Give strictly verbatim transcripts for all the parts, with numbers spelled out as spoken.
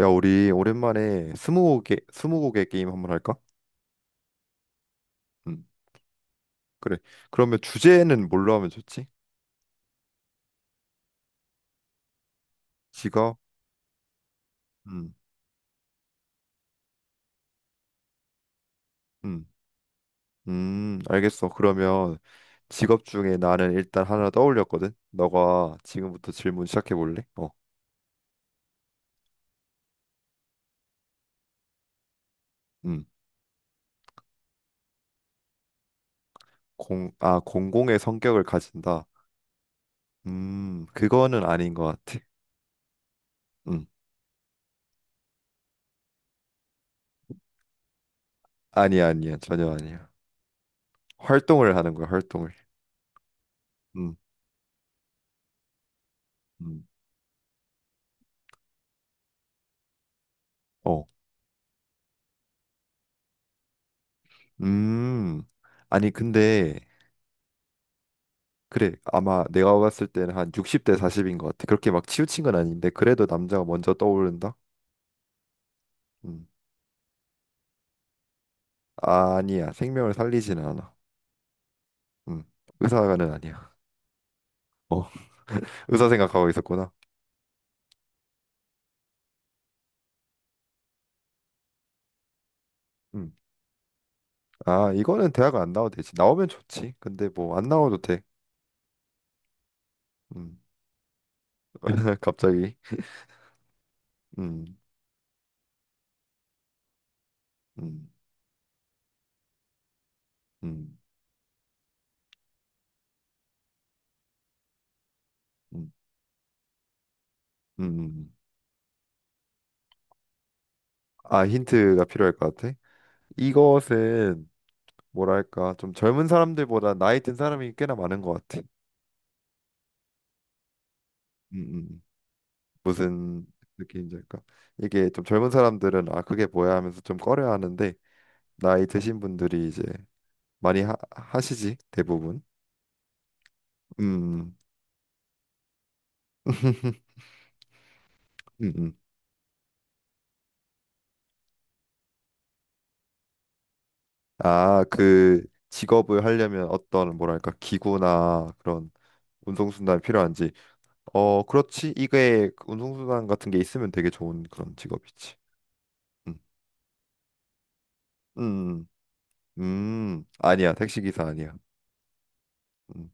야, 우리 오랜만에 스무고개 스무고개 게임 한번 할까? 음, 그래. 그러면 주제는 뭘로 하면 좋지? 직업? 음, 음, 음, 알겠어. 그러면 직업 중에 나는 일단 하나 떠올렸거든. 너가 지금부터 질문 시작해 볼래? 어, 음, 공, 아, 공공의 성격을 가진다. 음, 그거는 아닌 것 같아. 음, 아니야, 아니야, 전혀 아니야. 활동을 하는 거야, 활동을. 음, 음, 어, 음, 아니 근데. 그래, 아마 내가 봤을 때는 한 육십 대 사십인 것 같아. 그렇게 막 치우친 건 아닌데, 그래도 남자가 먼저 떠오른다? 음. 아니야, 생명을 살리지는 않아. 음. 의사가는 아니야. 어, 의사 생각하고 있었구나. 음. 아, 이거는 대학 안 나와도 되지. 나오면 좋지. 근데 뭐 안 나와도 돼. 음. 갑자기. 음, 음, 음, 음, 음. 음. 아, 힌트가 필요할 것 같아. 이것은 뭐랄까, 좀 젊은 사람들보다 나이 든 사람이 꽤나 많은 것 같아. 음, 음. 음. 무슨 느낌인지 까 이게 좀 젊은 사람들은 아 그게 뭐야 하면서 좀 꺼려 하는데 나이 드신 분들이 이제 많이 하, 하시지 대부분. 음. 음, 음. 아, 그 직업을 하려면 어떤 뭐랄까 기구나 그런 운송수단이 필요한지. 어, 그렇지. 이게 운송수단 같은 게 있으면 되게 좋은 그런 직업이지. 음, 음, 음. 음. 아니야. 택시기사 아니야. 음.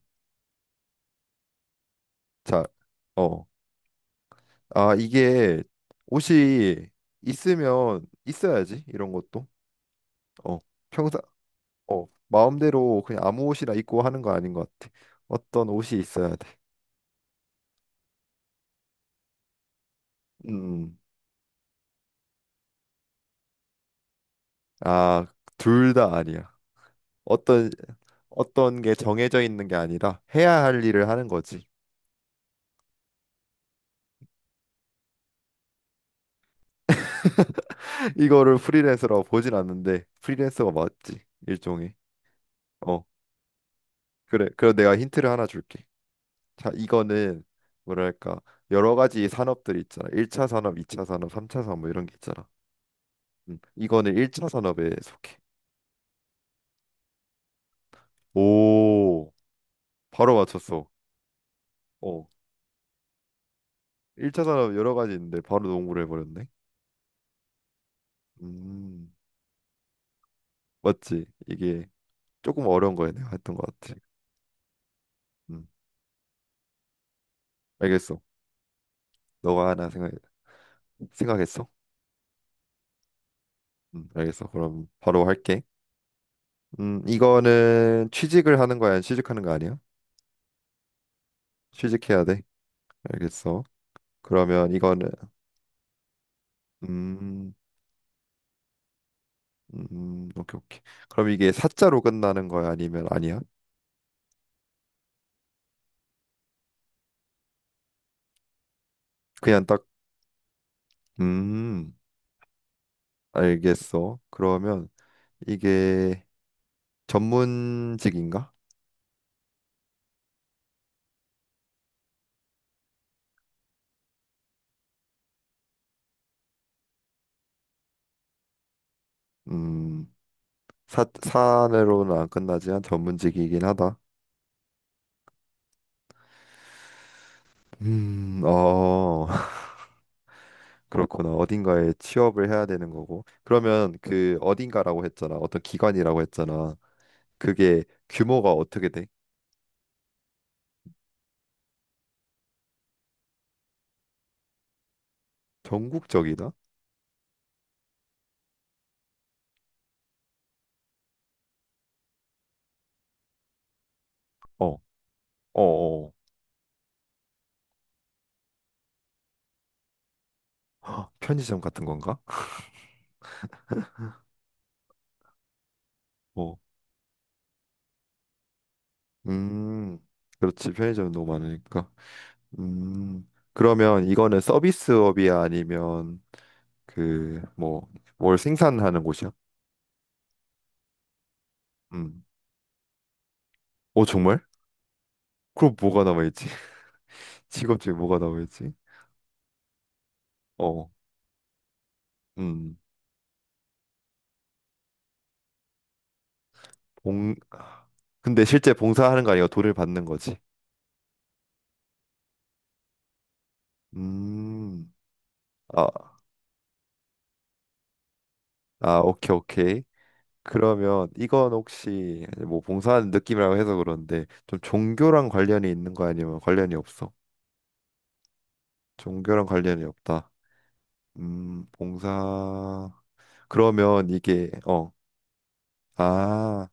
자, 어. 아, 이게 옷이 있으면 있어야지 이런 것도. 어, 평상 어, 마음대로 그냥 아무 옷이나 입고 하는 거 아닌 것 같아. 어떤 옷이 있어야 돼. 음. 아, 둘 다 아니야. 어떤 어떤 게 정해져 있는 게 아니라 해야 할 일을 하는 거지. 이거를 프리랜서라고 보진 않는데 프리랜서가 맞지. 일종의. 어. 그래. 그럼 내가 힌트를 하나 줄게. 자, 이거는 뭐랄까 여러 가지 산업들이 있잖아. 일 차 산업, 이 차 산업, 삼 차 산업 뭐 이런 게 있잖아. 음, 이거는 일 차 산업에 속해. 오, 바로 맞췄어. 어, 일 차 산업 여러 가지 있는데 바로 농구를 해버렸네. 음, 맞지? 이게 조금 어려운 거야 내가 했던 것 같아. 음, 알겠어. 너가 하나 생각 생각했어? 음, 알겠어. 그럼 바로 할게. 음, 이거는 취직을 하는 거야, 아니면 취직하는 거 아니야? 취직해야 돼. 알겠어. 그러면 이거는 음, 음, 오케이, 오케이. 그럼 이게 사자로 끝나는 거야? 아니면 아니야? 그냥 딱, 음, 알겠어. 그러면 이게 전문직인가? 음, 사, 사내로는 안 끝나지만 전문직이긴 하다. 음, 어, 그렇구나. 어딘가에 취업을 해야 되는 거고. 그러면 그 어딘가라고 했잖아. 어떤 기관이라고 했잖아. 그게 규모가 어떻게 돼? 전국적이다? 어, 어, 어. 편의점 같은 건가? 어. 음, 그렇지. 편의점이 너무 많으니까. 음, 그러면 이거는 서비스업이야? 아니면 그, 뭐, 뭘 생산하는 곳이야? 음. 어, 정말? 그럼 뭐가 남아있지? 직업 중에 뭐가 남아있지? 어, 음, 봉, 근데 실제 봉사하는 거 아니고 돈을 받는 거지. 음, 아, 아, 오케이, 오케이. 그러면 이건 혹시 뭐 봉사하는 느낌이라고 해서 그런데 좀 종교랑 관련이 있는 거 아니면 관련이 없어? 종교랑 관련이 없다. 음, 봉사. 그러면 이게 어, 아,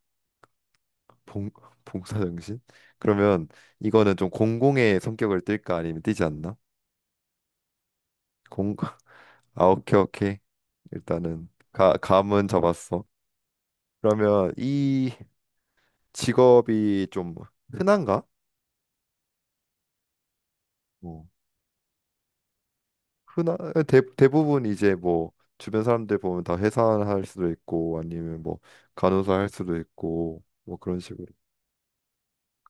봉 봉사 정신? 그러면 이거는 좀 공공의 성격을 띨까 아니면 띄지 않나? 공 아, 오케이, 오케이. 일단은 가 감은 잡았어. 그러면 이 직업이 좀 흔한가? 뭐 흔한 대, 대부분 이제 뭐 주변 사람들 보면 다 회사할 수도 있고 아니면 뭐 간호사 할 수도 있고 뭐 그런 식으로.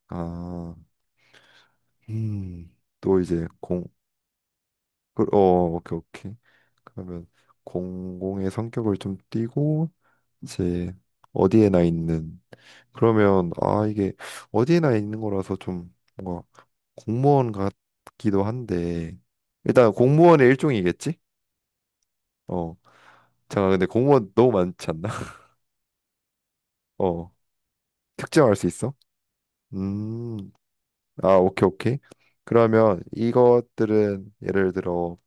아. 음, 또 이제 공, 그- 어, 오케이, 오케이. 그러면 공공의 성격을 좀 띠고 이제 어디에나 있는. 그러면 아 이게 어디에나 있는 거라서 좀 뭔가 공무원 같기도 한데 일단 공무원의 일종이겠지? 어, 잠깐 근데 공무원 너무 많지 않나? 어, 특정할 수 있어? 음, 아 오케이 오케이. 그러면 이것들은 예를 들어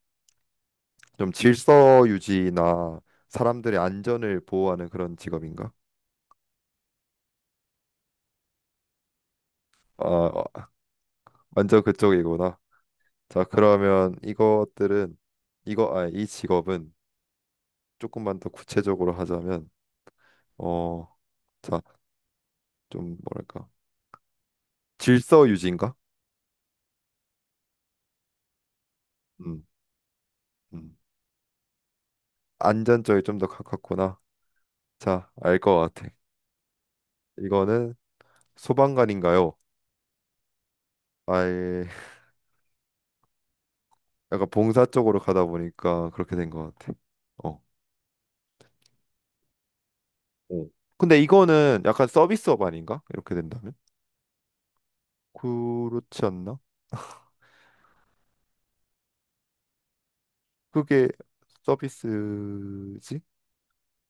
좀 질서 유지나 사람들의 안전을 보호하는 그런 직업인가? 아, 어, 완전 그쪽이구나. 자, 그러면 이것들은 이거 아, 이 직업은 조금만 더 구체적으로 하자면 어, 자, 좀 뭐랄까? 질서 유지인가? 음. 음. 안전 쪽이 좀 더 가깝구나. 자, 알 것 같아. 이거는 소방관인가요? 아예 약간 봉사 쪽으로 가다 보니까 그렇게 된 것 같아. 어. 오. 근데 이거는 약간 서비스업 아닌가? 이렇게 된다면? 그렇지 않나? 그게 서비스지?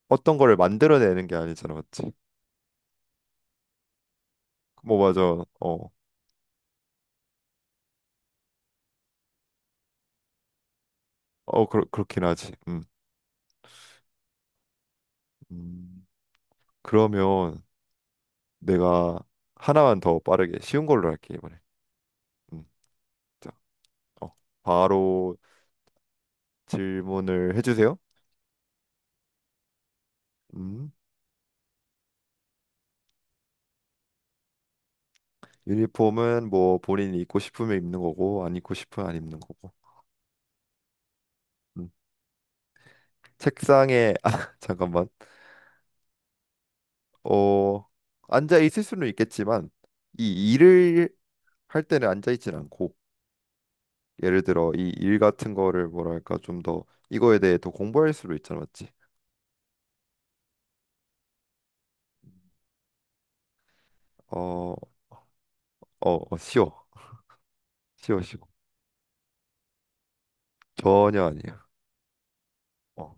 어떤 거를 만들어내는 게 아니잖아, 맞지? 뭐 맞아. 어, 어, 그렇, 그렇긴 하지. 음. 음. 그러면 내가 하나만 더 빠르게 쉬운 걸로 할게 이번에. 음. 자, 어, 바로 질문을 해주세요. 음. 유니폼은 뭐 본인이 입고 싶으면 입는 거고 안 입고 싶으면 안 입는 거고. 음. 책상에 아, 잠깐만. 어, 앉아 있을 수는 있겠지만 이 일을 할 때는 앉아 있진 않고 예를 들어 이 일 같은 거를 뭐랄까 좀 더 이거에 대해 더 공부할 수도 있잖아, 맞지? 어, 어, 어, 쉬워. 쉬워, 쉬워. 전혀 아니야. 어,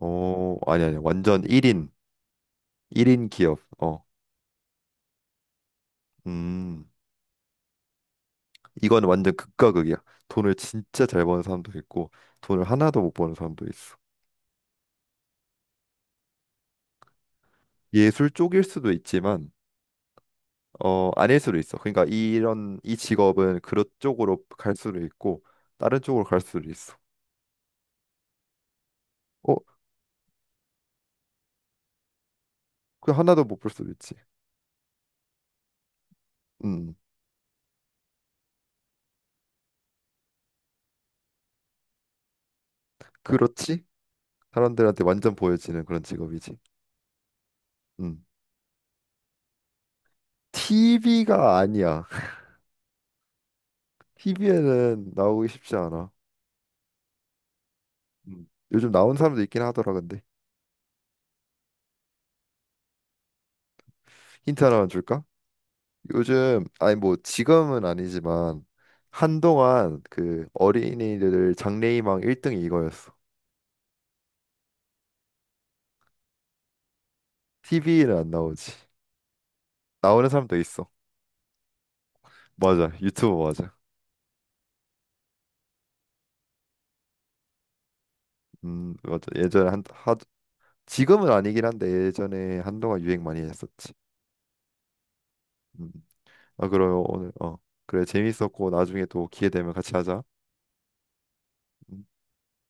어, 아니 아니 완전 일 인 일 인 기업. 어. 음. 이건 완전 극과 극이야. 돈을 진짜 잘 버는 사람도 있고 돈을 하나도 못 버는 사람도 있어. 예술 쪽일 수도 있지만 어, 아닐 수도 있어. 그러니까 이런 이 직업은 그런 쪽으로 갈 수도 있고 다른 쪽으로 갈 수도 있어. 어, 그 하나도 못 볼 수도 있지. 음, 그렇지? 사람들한테 완전 보여지는 그런 직업이지. 음, 티비가 아니야. 티비에는 나오기 쉽지 않아. 음, 요즘 나온 사람도 있긴 하더라. 근데 힌트 하나만 줄까? 요즘 아니 뭐 지금은 아니지만 한동안 그 어린이들 장래희망 일 등이 이거였어. 티비는 안 나오지. 나오는 사람도 있어. 맞아. 유튜브 맞아. 음, 맞아. 예전에 한 하, 지금은 아니긴 한데 예전에 한동안 유행 많이 했었지. 음. 아, 그럼 오늘 어. 그래 재밌었고 나중에 또 기회 되면 같이 하자. 음.